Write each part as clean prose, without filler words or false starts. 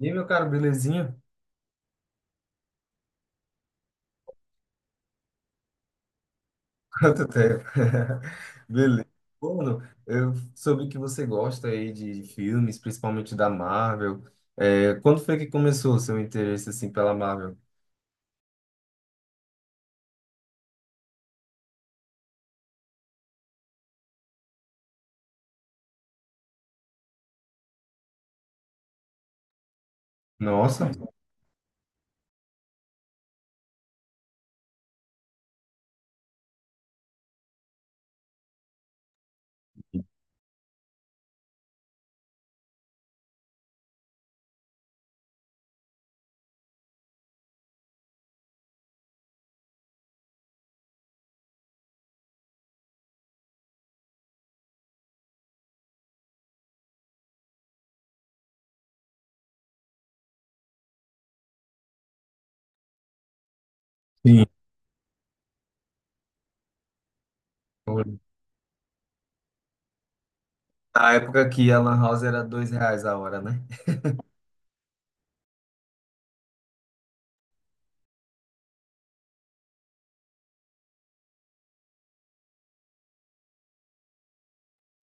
E aí, meu caro, belezinha? Quanto tempo? Beleza. Bruno, eu soube que você gosta aí de filmes, principalmente da Marvel. É, quando foi que começou o seu interesse assim pela Marvel? Nossa, sim. Na época que a Lan House era R$ 2 a hora, né?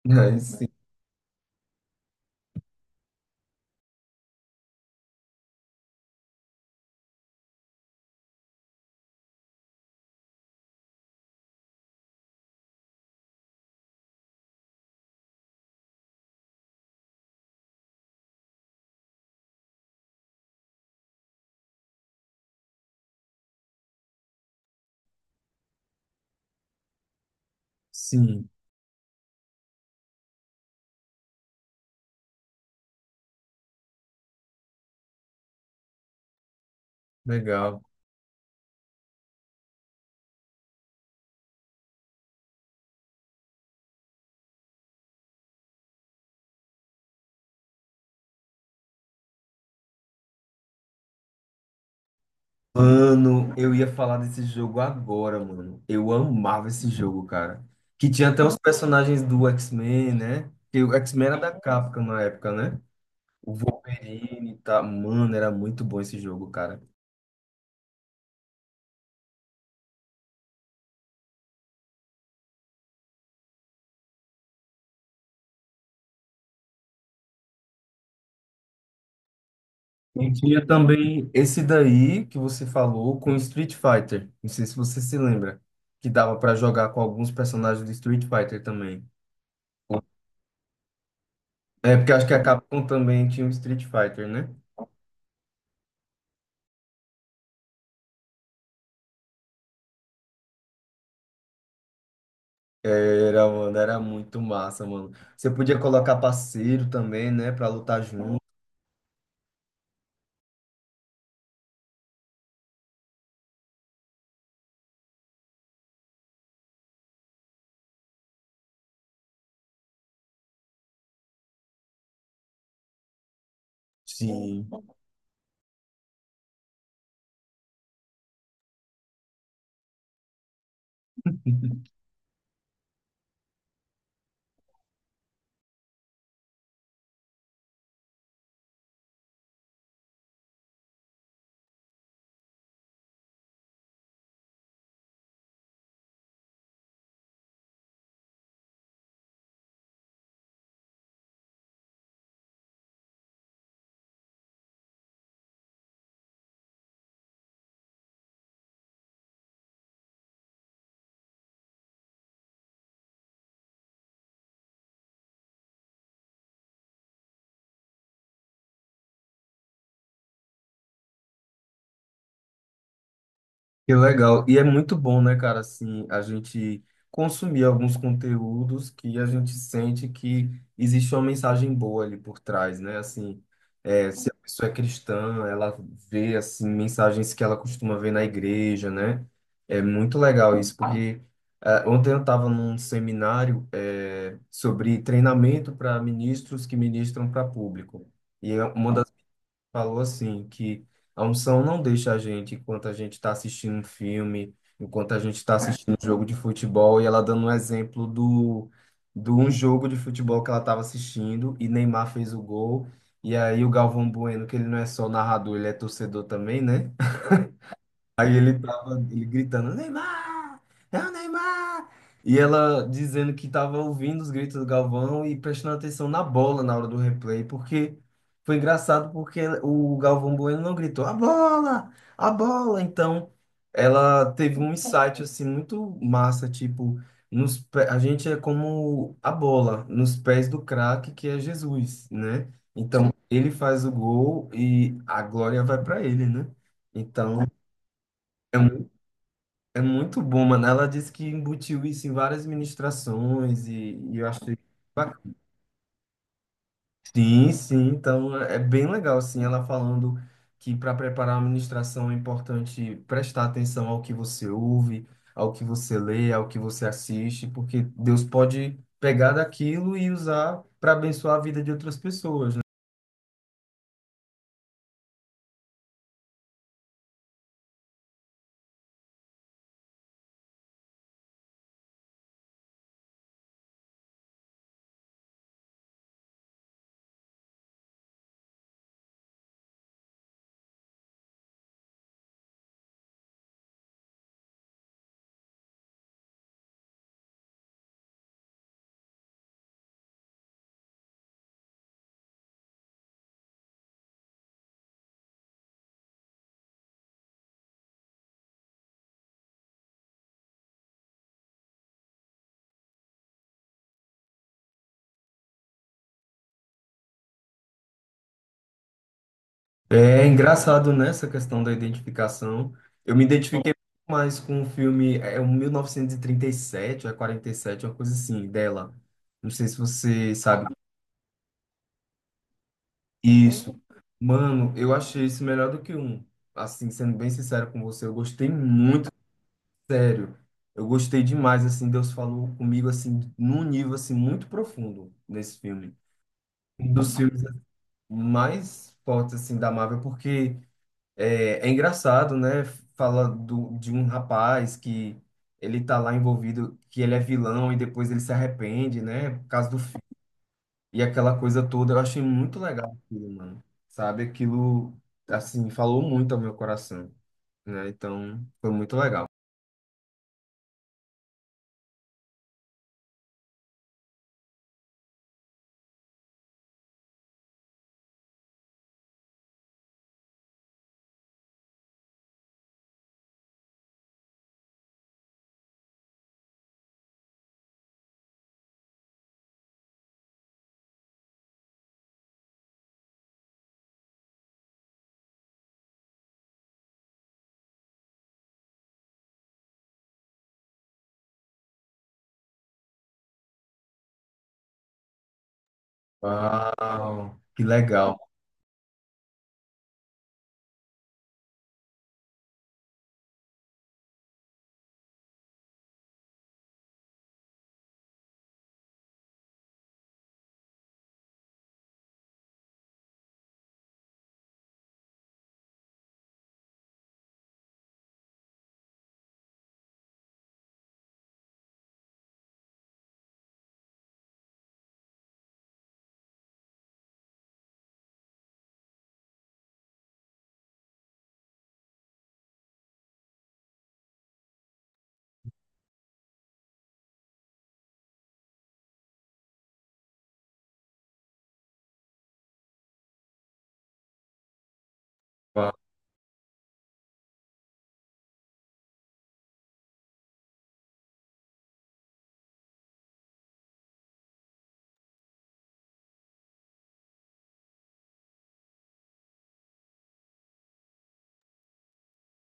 Aí sim, sim, legal. Mano, eu ia falar desse jogo agora, mano. Eu amava esse jogo, cara. Que tinha até os personagens do X-Men, né? Que o X-Men era da Capcom na época, né? O Wolverine, tá? Mano, era muito bom esse jogo, cara. E tinha também esse daí que você falou com Street Fighter. Não sei se você se lembra. Que dava pra jogar com alguns personagens do Street Fighter também. É porque acho que a Capcom também tinha o Street Fighter, né? Era, mano, era muito massa, mano. Você podia colocar parceiro também, né, pra lutar junto. Sim. Que legal. E é muito bom, né, cara, assim, a gente consumir alguns conteúdos que a gente sente que existe uma mensagem boa ali por trás, né? Assim, se a pessoa é cristã, ela vê, assim, mensagens que ela costuma ver na igreja, né? É muito legal isso, porque ah, ontem eu estava num seminário sobre treinamento para ministros que ministram para público. E é uma falou assim que a unção não deixa a gente enquanto a gente está assistindo um filme, enquanto a gente está assistindo um jogo de futebol, e ela dando um exemplo do de um jogo de futebol que ela estava assistindo e Neymar fez o gol. E aí o Galvão Bueno, que ele não é só narrador, ele é torcedor também, né? Aí ele tava, ele gritando, Neymar! É o Neymar! E ela dizendo que tava ouvindo os gritos do Galvão e prestando atenção na bola na hora do replay, porque foi engraçado porque o Galvão Bueno não gritou, a bola! A bola! Então, ela teve um insight, assim, muito massa, tipo, nos, pé- a gente é como a bola, nos pés do craque, que é Jesus, né? Então, ele faz o gol e a glória vai para ele, né? Então... é é muito bom, mano. Ela disse que embutiu isso em várias ministrações e eu achei bacana. Sim, sim. Então é bem legal, assim, ela falando que para preparar uma ministração é importante prestar atenção ao que você ouve, ao que você lê, ao que você assiste, porque Deus pode pegar daquilo e usar para abençoar a vida de outras pessoas. É engraçado nessa questão da identificação. Eu me identifiquei muito mais com o filme, é um sete ou é 47, uma coisa assim, dela. Não sei se você sabe isso. Mano, eu achei isso melhor do que um. Assim, sendo bem sincero com você, eu gostei muito, sério. Eu gostei demais, assim, Deus falou comigo, assim, num nível, assim, muito profundo nesse filme. Um dos filmes assim, mais fortes, assim, da Marvel, porque... É, é engraçado, né? Fala do, de um rapaz que ele tá lá envolvido, que ele é vilão e depois ele se arrepende, né? Por causa do filho. E aquela coisa toda, eu achei muito legal aquilo, mano. Sabe? Aquilo, assim, falou muito ao meu coração, né? Então, foi muito legal. Uau, que legal.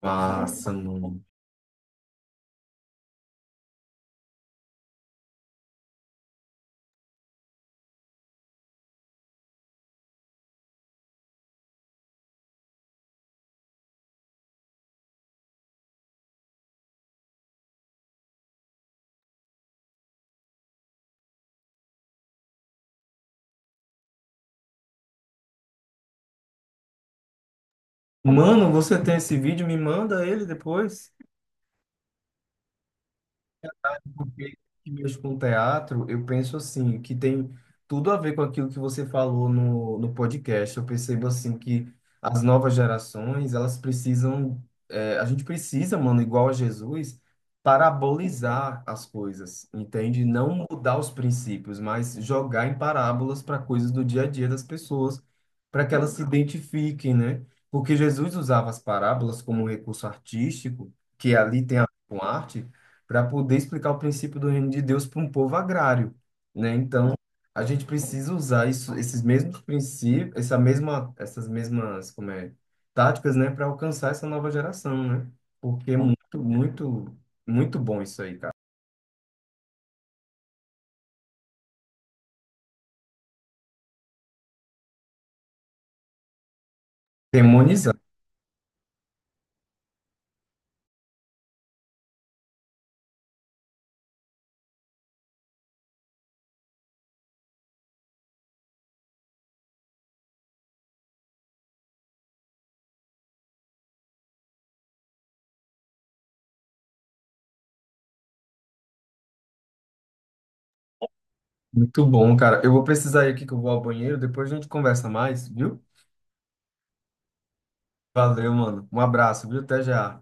Massa, mano. Mano, você tem esse vídeo? Me manda ele depois. Porque mesmo com teatro, eu penso assim, que tem tudo a ver com aquilo que você falou no, no podcast. Eu percebo assim que as novas gerações, elas precisam, a gente precisa, mano, igual a Jesus, parabolizar as coisas, entende? Não mudar os princípios, mas jogar em parábolas para coisas do dia a dia das pessoas, para que elas se identifiquem, né? Porque Jesus usava as parábolas como um recurso artístico, que ali tem a ver com arte para poder explicar o princípio do reino de Deus para um povo agrário, né? Então, a gente precisa usar isso, esses mesmos princípios, essa mesma, essas mesmas, como é, táticas, né, para alcançar essa nova geração, né? Porque é muito, muito, muito bom isso aí, cara. Demonizar. Muito bom, cara. Eu vou precisar ir aqui que eu vou ao banheiro, depois a gente conversa mais, viu? Valeu, mano. Um abraço, viu? Até já.